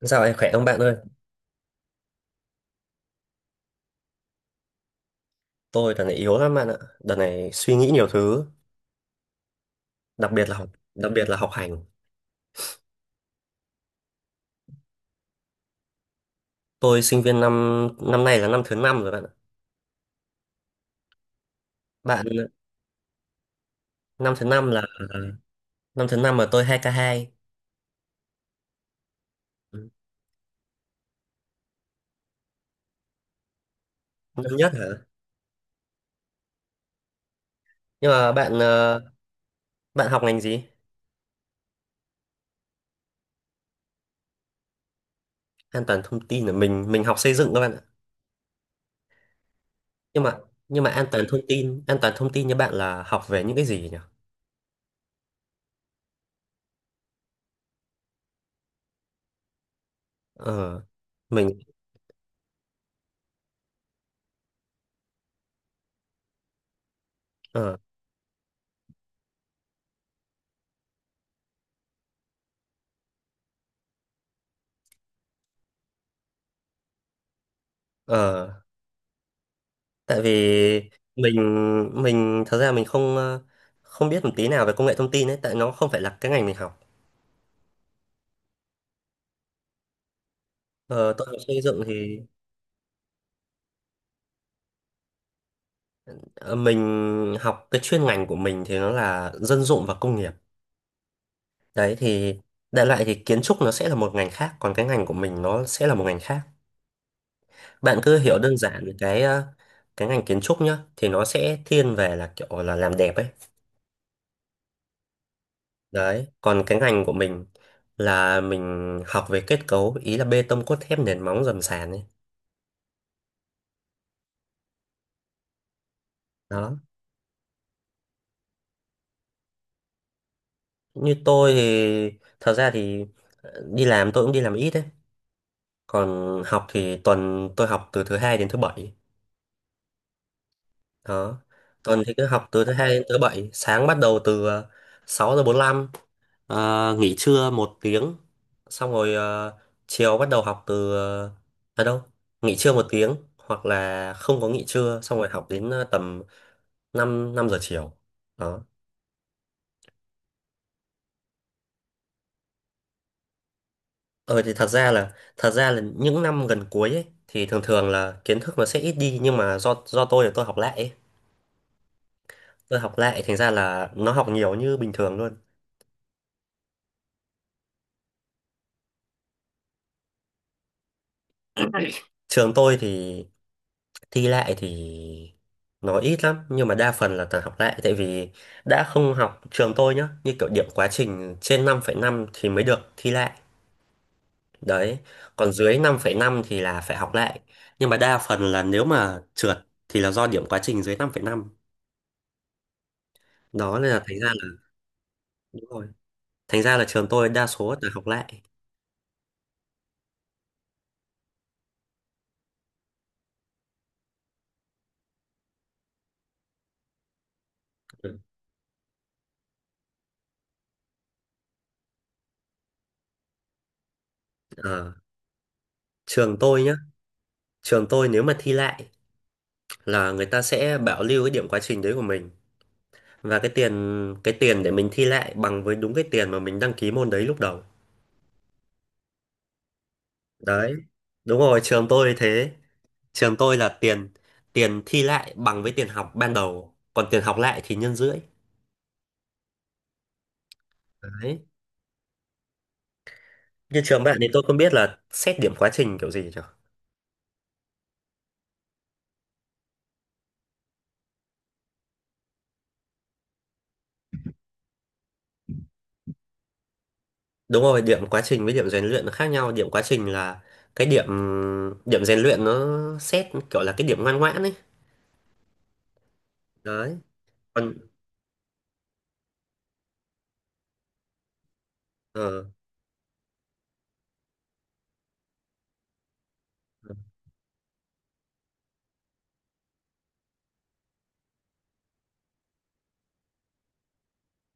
Dạo này khỏe không bạn ơi? Tôi đợt này yếu lắm bạn ạ. Đợt này suy nghĩ nhiều thứ, đặc biệt là học, đặc biệt là học hành. Tôi sinh viên năm năm nay là năm thứ năm rồi bạn ạ. Bạn năm thứ năm là năm thứ năm mà tôi 2k2. Ừ. Năm nhất hả? Nhưng mà bạn bạn học ngành gì? An toàn thông tin là mình học xây dựng các bạn ạ. Nhưng mà nhưng mà an toàn thông tin, an toàn thông tin như bạn là học về những cái gì nhỉ? Ờ mình ờ ờ tại vì mình mình thật ra mình không biết một tí nào về công nghệ thông tin ấy, tại nó không phải là cái ngành mình học. Ờ, tôi học xây dựng thì ờ, mình học cái chuyên ngành của mình thì nó là dân dụng và công nghiệp. Đấy thì đại loại thì kiến trúc nó sẽ là một ngành khác, còn cái ngành của mình nó sẽ là một ngành khác. Bạn cứ hiểu đơn giản là cái ngành kiến trúc nhá thì nó sẽ thiên về là kiểu là làm đẹp ấy. Đấy, còn cái ngành của mình là mình học về kết cấu, ý là bê tông cốt thép, nền móng, dầm sàn ấy. Đó, như tôi thì thật ra thì đi làm tôi cũng đi làm ít đấy, còn học thì tuần tôi học từ thứ hai đến thứ bảy. Đó, tuần thì cứ học từ thứ hai đến thứ bảy, sáng bắt đầu từ 6 giờ 45. Nghỉ trưa một tiếng xong rồi chiều bắt đầu học từ ờ, à đâu nghỉ trưa một tiếng hoặc là không có nghỉ trưa, xong rồi học đến tầm 5 5 giờ chiều. Đó. Ờ thì thật ra là những năm gần cuối ấy thì thường thường là kiến thức nó sẽ ít đi, nhưng mà do tôi là tôi học lại ấy. Tôi học lại thành ra là nó học nhiều như bình thường luôn. Trường tôi thì thi lại thì nó ít lắm, nhưng mà đa phần là toàn học lại, tại vì đã không học trường tôi nhá, như kiểu điểm quá trình trên 5,5 thì mới được thi lại. Đấy, còn dưới 5,5 thì là phải học lại. Nhưng mà đa phần là nếu mà trượt thì là do điểm quá trình dưới 5,5. Đó nên là thành ra là đúng rồi, thành ra là trường tôi đa số là học lại. Ừ. Ờ, trường tôi nhá, trường tôi nếu mà thi lại là người ta sẽ bảo lưu cái điểm quá trình đấy của mình, và cái tiền để mình thi lại bằng với đúng cái tiền mà mình đăng ký môn đấy lúc đầu. Đấy. Đúng rồi, trường tôi thế. Trường tôi là tiền tiền thi lại bằng với tiền học ban đầu, còn tiền học lại thì nhân rưỡi. Đấy. Như trường bạn thì tôi không biết là xét điểm quá trình kiểu gì nhỉ? Đúng rồi, điểm quá trình với điểm rèn luyện nó khác nhau. Điểm quá trình là cái điểm điểm rèn luyện nó xét kiểu là cái điểm ngoan ngoãn ấy. Đấy. Còn ờ,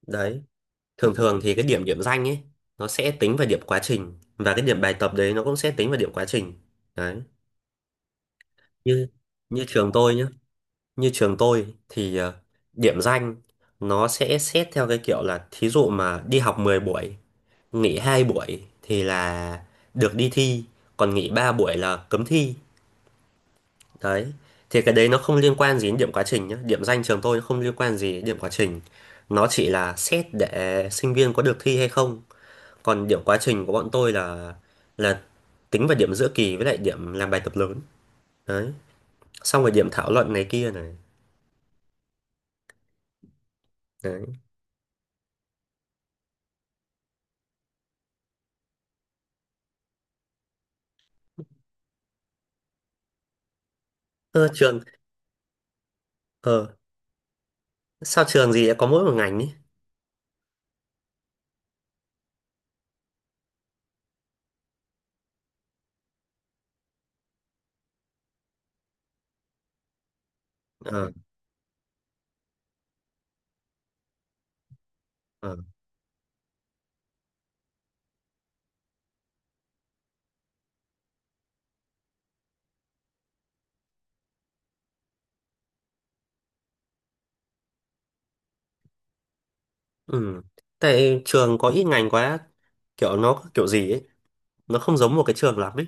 đấy, thường thường thì cái điểm điểm danh ấy nó sẽ tính vào điểm quá trình, và cái điểm bài tập đấy nó cũng sẽ tính vào điểm quá trình. Đấy. Như như trường tôi nhá, như trường tôi thì điểm danh nó sẽ xét theo cái kiểu là thí dụ mà đi học 10 buổi, nghỉ 2 buổi thì là được đi thi, còn nghỉ 3 buổi là cấm thi. Đấy. Thì cái đấy nó không liên quan gì đến điểm quá trình nhé. Điểm danh trường tôi nó không liên quan gì đến điểm quá trình. Nó chỉ là xét để sinh viên có được thi hay không. Còn điểm quá trình của bọn tôi là là tính vào điểm giữa kỳ với lại điểm làm bài tập lớn. Đấy. Xong rồi điểm thảo luận này kia này. Đấy. Ờ, trường ờ sao trường gì lại có mỗi một ngành ấy? Ờ ờ ừ. Tại trường có ít ngành quá, kiểu nó kiểu gì ấy, nó không giống một cái trường lắm ấy.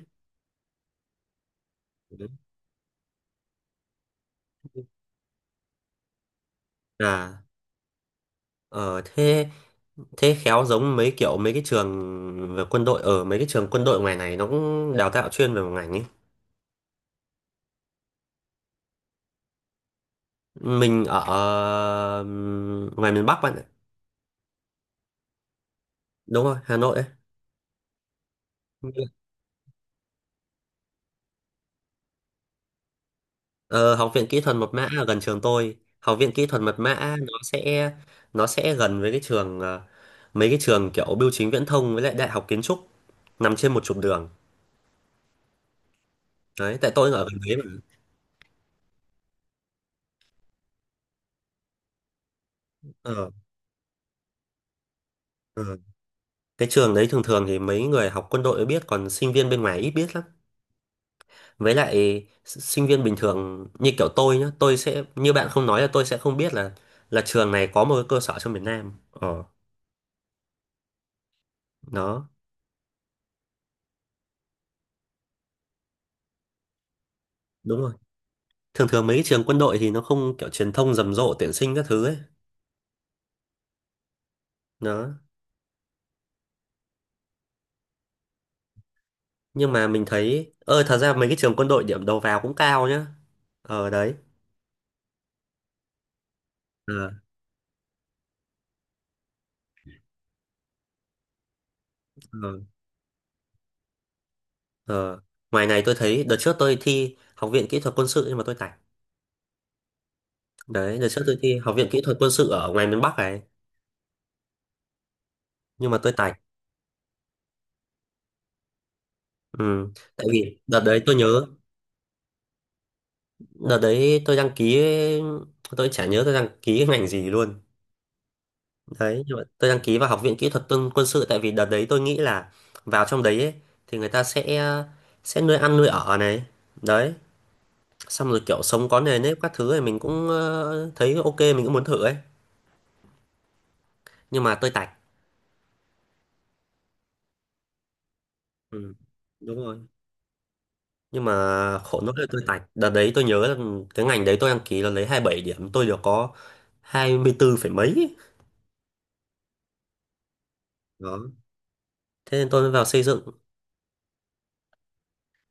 Đấy. À ờ thế thế khéo giống mấy kiểu mấy cái trường về quân đội, ở mấy cái trường quân đội ngoài này nó cũng đào tạo chuyên về một ngành ấy. Mình ở ngoài miền Bắc bạn ạ. Đúng rồi Hà Nội ấy. Ờ, Học viện Kỹ thuật Mật mã ở gần trường tôi. Học viện Kỹ thuật Mật mã nó sẽ gần với mấy cái trường kiểu Bưu chính Viễn thông với lại Đại học Kiến trúc, nằm trên một trục đường. Đấy, tại tôi ở gần đấy mà. ờ, ờ. Cái trường đấy thường thường thì mấy người học quân đội mới biết, còn sinh viên bên ngoài ít biết lắm. Với lại sinh viên bình thường như kiểu tôi nhá, tôi sẽ như bạn không nói là tôi sẽ không biết là trường này có một cái cơ sở trong miền Nam. Ờ, đó, đúng rồi. Thường thường mấy cái trường quân đội thì nó không kiểu truyền thông rầm rộ tuyển sinh các thứ ấy. Đó. Nhưng mà mình thấy ơ thật ra mấy cái trường quân đội điểm đầu vào cũng cao nhá. Ờ đấy. Ờ, ờ, ờ. Ngoài này tôi thấy đợt trước tôi thi Học viện Kỹ thuật Quân sự nhưng mà tôi tạch. Đấy, đợt trước tôi thi Học viện Kỹ thuật Quân sự ở ngoài miền Bắc này nhưng mà tôi tạch. Ừ. Tại vì đợt đấy tôi nhớ đợt đấy tôi đăng ký, tôi chả nhớ tôi đăng ký cái ngành gì luôn. Đấy, nhưng mà tôi đăng ký vào Học viện Kỹ thuật Quân quân sự tại vì đợt đấy tôi nghĩ là vào trong đấy ấy thì người ta sẽ nuôi ăn nuôi ở này. Đấy, xong rồi kiểu sống có nề nếp các thứ này mình cũng thấy ok, mình cũng muốn thử ấy. Nhưng mà tôi tạch. Ừ, đúng rồi. Nhưng mà khổ nỗi là tôi tạch. Đợt đấy tôi nhớ là cái ngành đấy tôi đăng ký là lấy 27 điểm, tôi được có 24 phẩy mấy. Đó. Thế nên tôi mới vào xây dựng.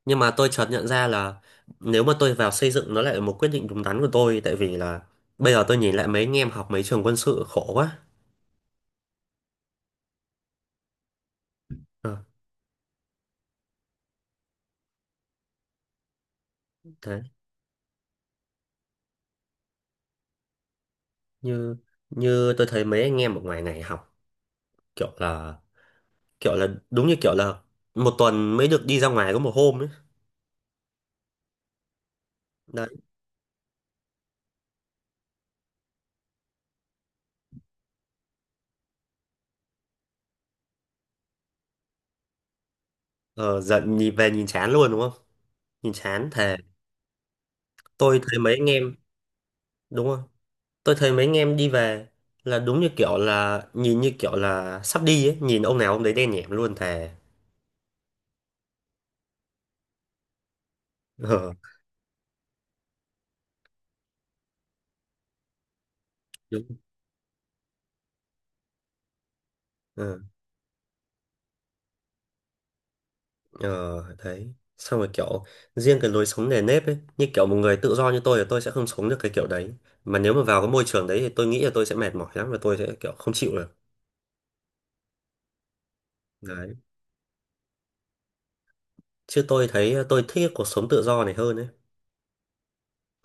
Nhưng mà tôi chợt nhận ra là nếu mà tôi vào xây dựng nó lại là một quyết định đúng đắn của tôi, tại vì là bây giờ tôi nhìn lại mấy anh em học mấy trường quân sự khổ quá. Ờ, thế như như tôi thấy mấy anh em ở ngoài này học kiểu là đúng như kiểu là một tuần mới được đi ra ngoài có một hôm ấy. Đấy. Ờ, giận nhìn về nhìn chán luôn đúng không? Nhìn chán thề. Tôi thấy mấy anh em đúng không? Tôi thấy mấy anh em đi về là đúng như kiểu là nhìn như kiểu là sắp đi ấy, nhìn ông nào ông đấy đen nhẻm luôn thề. đúng ờ ờ, đấy xong rồi kiểu riêng cái lối sống nề nếp ấy, như kiểu một người tự do như tôi thì tôi sẽ không sống được cái kiểu đấy, mà nếu mà vào cái môi trường đấy thì tôi nghĩ là tôi sẽ mệt mỏi lắm và tôi sẽ kiểu không chịu được. Đấy, chứ tôi thấy tôi thích cái cuộc sống tự do này hơn ấy,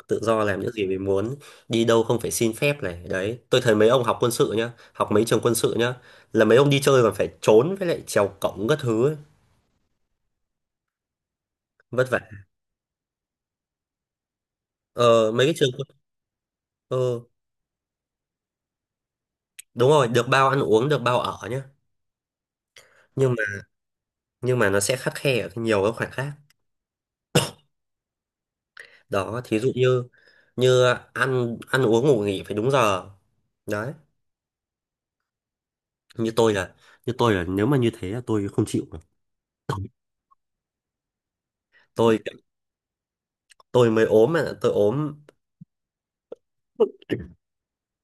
tự do làm những gì mình muốn, đi đâu không phải xin phép này. Đấy, tôi thấy mấy ông học quân sự nhá, học mấy trường quân sự nhá là mấy ông đi chơi còn phải trốn với lại trèo cổng các thứ ấy. Vất vả. Ờ mấy cái trường quân ờ đúng rồi, được bao ăn uống, được bao ở nhá, nhưng nhưng mà nó sẽ khắt khe ở nhiều các khoản khác. Đó thí dụ như như ăn ăn uống ngủ nghỉ phải đúng giờ. Đấy, như tôi là như tôi là nếu mà như thế là tôi không chịu được. tôi tôi mới ốm mà tôi ốm,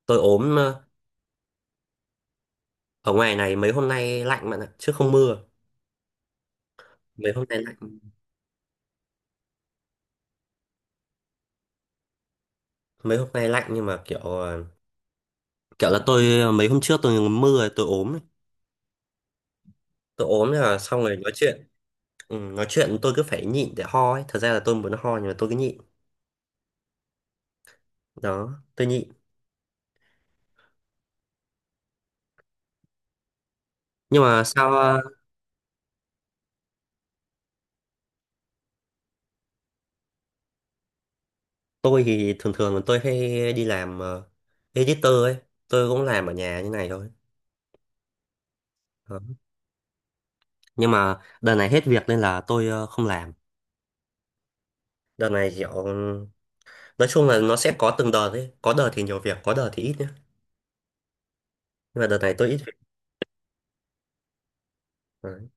tôi ốm ờ, ở ngoài này mấy hôm nay lạnh bạn ạ chứ không mưa. Mấy hôm nay lạnh, mấy hôm nay lạnh nhưng mà kiểu kiểu là mấy hôm trước tôi mưa rồi tôi ốm ấy. Tôi ốm là xong rồi nói chuyện, ừ, nói chuyện tôi cứ phải nhịn để ho ấy, thật ra là tôi muốn ho nhưng mà tôi cứ nhịn. Đó tôi nhịn. Nhưng mà sao tôi thì thường thường tôi hay đi làm editor ấy, tôi cũng làm ở nhà như này thôi. Đó. Nhưng mà đợt này hết việc nên là tôi không làm. Đợt này kiểu nói chung là nó sẽ có từng đợt ấy, có đợt thì nhiều việc, có đợt thì ít nhá. Nhưng mà đợt này tôi ít việc. Đấy.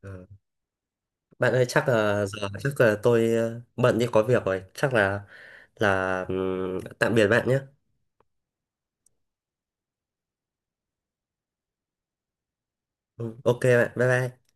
Ờ. Bạn ơi chắc là giờ chắc là tôi bận đi có việc rồi, chắc là tạm biệt bạn nhé. Ừ, ok bạn, bye bye.